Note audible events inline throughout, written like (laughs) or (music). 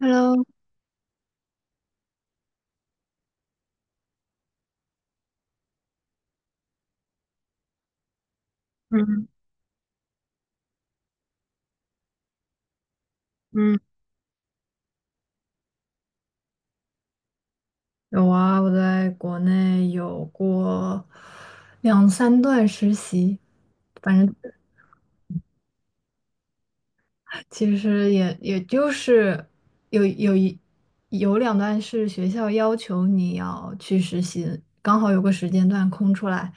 Hello。嗯嗯，有啊，我在国内有过两三段实习。反正其实也就是有有一有两段是学校要求你要去实习，刚好有个时间段空出来，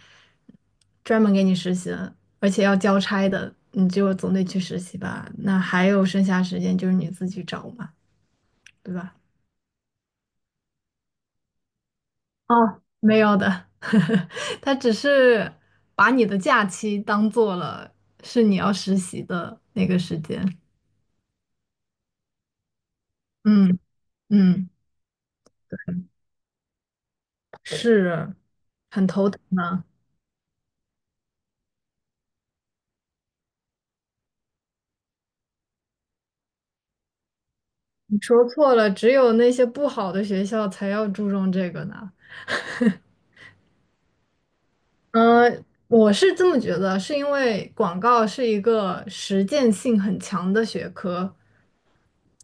专门给你实习的，而且要交差的，你就总得去实习吧。那还有剩下时间就是你自己找嘛，对吧？哦，没有的，(laughs) 他只是把你的假期当做了是你要实习的那个时间。嗯嗯，是很头疼呢。你说错了，只有那些不好的学校才要注重这个呢。嗯，我是这么觉得，是因为广告是一个实践性很强的学科，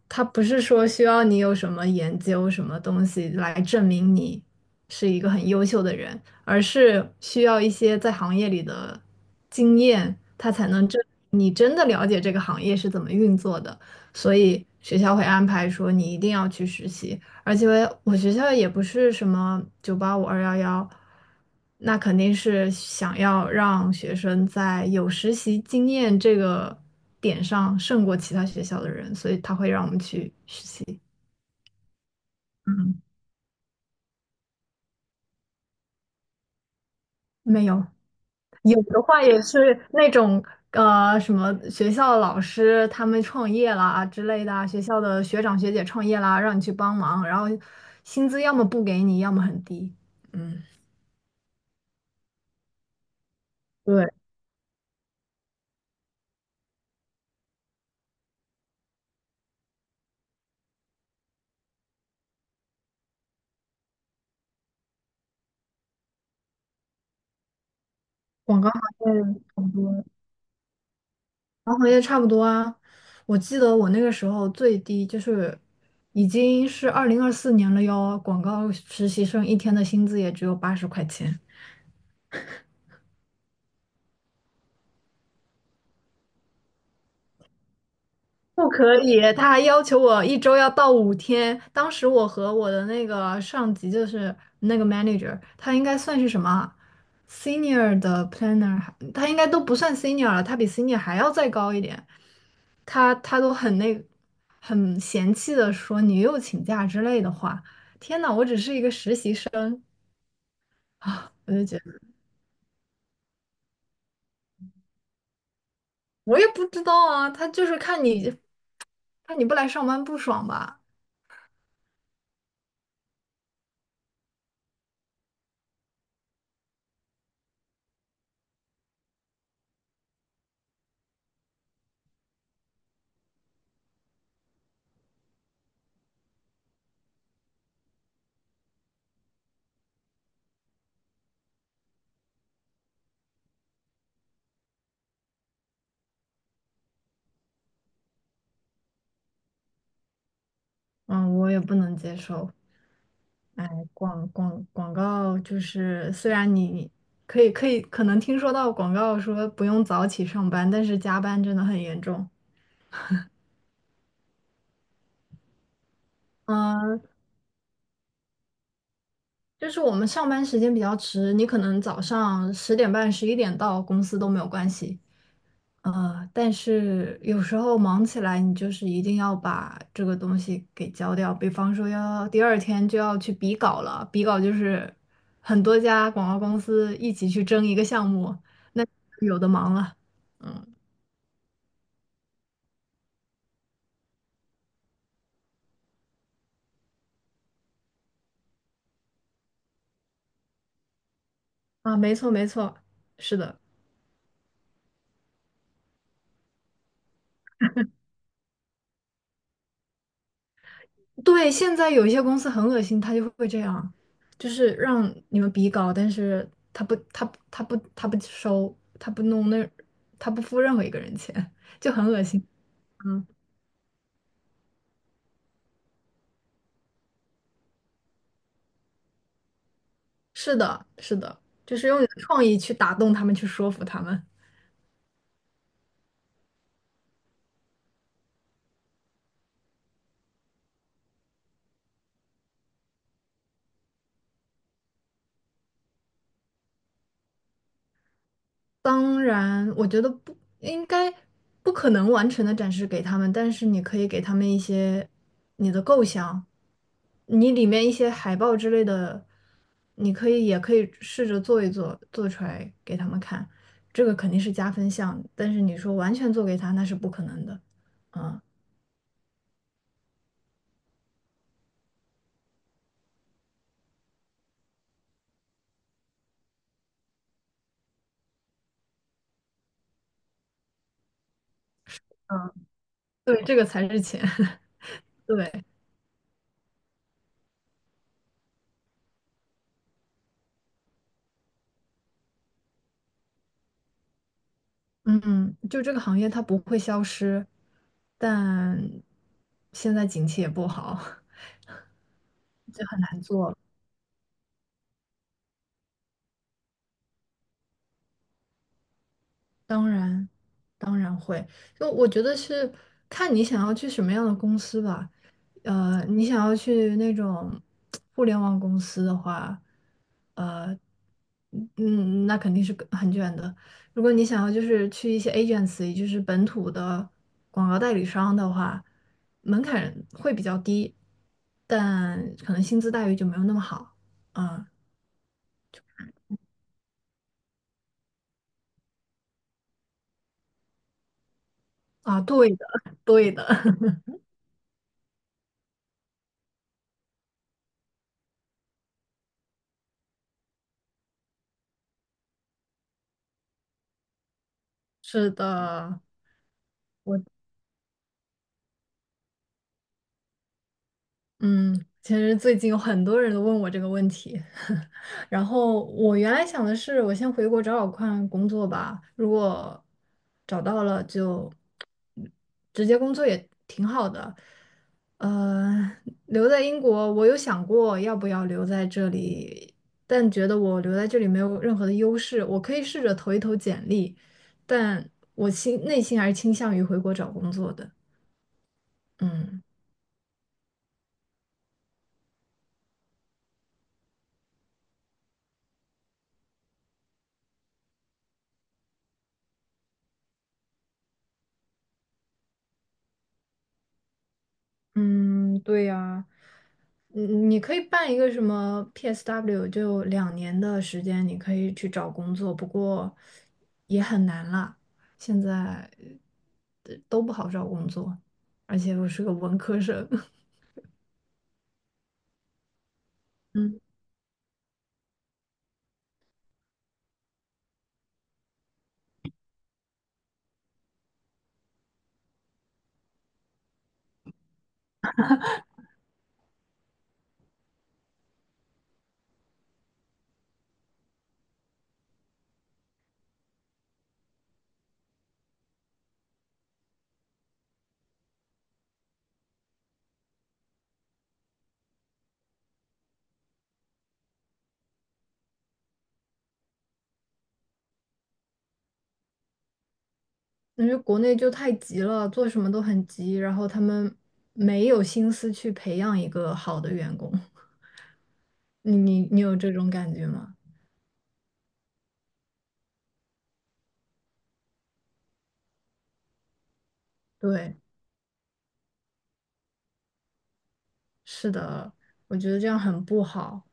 它不是说需要你有什么研究什么东西来证明你是一个很优秀的人，而是需要一些在行业里的经验，它才能证明你真的了解这个行业是怎么运作的。所以学校会安排说你一定要去实习，而且我学校也不是什么985 211，那肯定是想要让学生在有实习经验这个点上胜过其他学校的人，所以他会让我们去实习。嗯，没有，有的话也是那种什么学校的老师他们创业啦啊之类的啊，学校的学长学姐创业啦，让你去帮忙，然后薪资要么不给你，要么很低。嗯，对，广告行业很多。航行业差不多啊，我记得我那个时候最低就是已经是2024年了哟，广告实习生一天的薪资也只有80块钱。不可以，他还要求我一周要到5天。当时我和我的那个上级，就是那个 manager,他应该算是什么啊 senior 的 planner,还他应该都不算 senior 了，他比 senior 还要再高一点。他都很嫌弃的说你又请假之类的话。天呐，我只是一个实习生啊，我就觉得我也不知道啊，他就是看你不来上班不爽吧。嗯，我也不能接受。哎，广告就是，虽然你可能听说到广告说不用早起上班，但是加班真的很严重。嗯，就是我们上班时间比较迟，你可能早上10点半、11点到公司都没有关系，但是有时候忙起来，你就是一定要把这个东西给交掉。比方说，要第二天就要去比稿了。比稿就是很多家广告公司一起去争一个项目，那有的忙了。嗯，啊，没错没错，是的。对，现在有一些公司很恶心，他就会这样，就是让你们比稿，但是他不收，他不付任何一个人钱，就很恶心。嗯。是的，是的，就是用你的创意去打动他们，去说服他们。当然，我觉得不应该不可能完成的展示给他们，但是你可以给他们一些你的构想，你里面一些海报之类的，你可以也可以试着做一做，做出来给他们看，这个肯定是加分项。但是你说完全做给他，那是不可能的。嗯，对，这个才是钱，(laughs) 对。嗯，就这个行业它不会消失，但现在景气也不好，(laughs) 就很难做了。当然，当然会。就我觉得是看你想要去什么样的公司吧。你想要去那种互联网公司的话，嗯，那肯定是更很卷的。如果你想要就是去一些 agency,就是本土的广告代理商的话，门槛会比较低，但可能薪资待遇就没有那么好。啊，啊，对的，(laughs) 对的，(laughs) 是的。我。嗯，其实最近有很多人都问我这个问题，(laughs) 然后我原来想的是，我先回国找找看工作吧，如果找到了就嗯直接工作也挺好的。呃，留在英国，我有想过要不要留在这里，但觉得我留在这里没有任何的优势，我可以试着投一投简历，但我心内心还是倾向于回国找工作的。嗯。嗯，对呀。嗯，你可以办一个什么 PSW,就2年的时间，你可以去找工作，不过也很难啦。现在都不好找工作，而且我是个文科生，(laughs) 嗯，因为国内就太急了，做什么都很急，然后他们没有心思去培养一个好的员工。(laughs) 你有这种感觉吗？对，是的，我觉得这样很不好。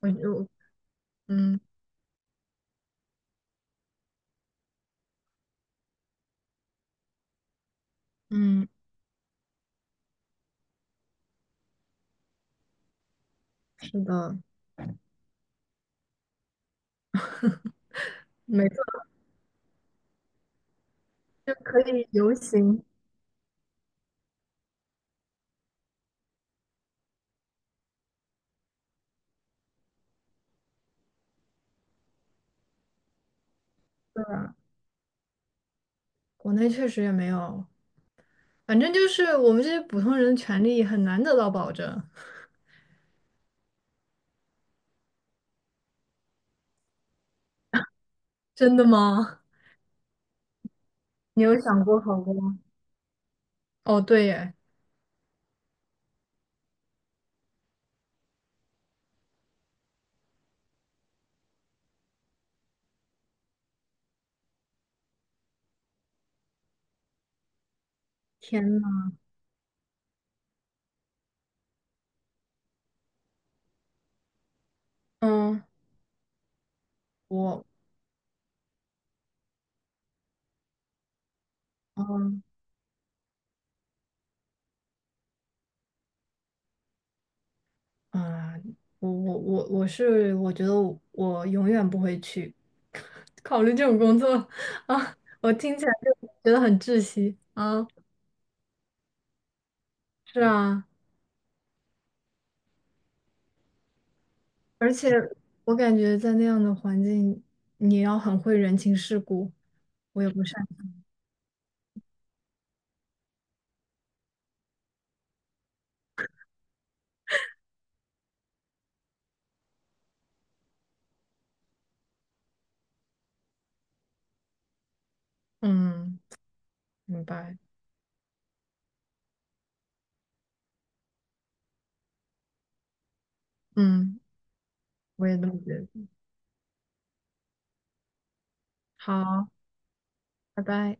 我就嗯。嗯，是的，没错，就可以游行。国内确实也没有，反正就是我们这些普通人的权利很难得到保证。真的吗？你有想过好过吗？哦，对耶，天呐，嗯，我。嗯。啊、我是，我觉得我，我永远不会去 (laughs) 考虑这种工作 (laughs) 啊，我听起来就觉得很窒息啊。是啊。而且我感觉在那样的环境，你要很会人情世故，我也不擅长。嗯，明白。嗯，我也这么觉得。好，拜拜。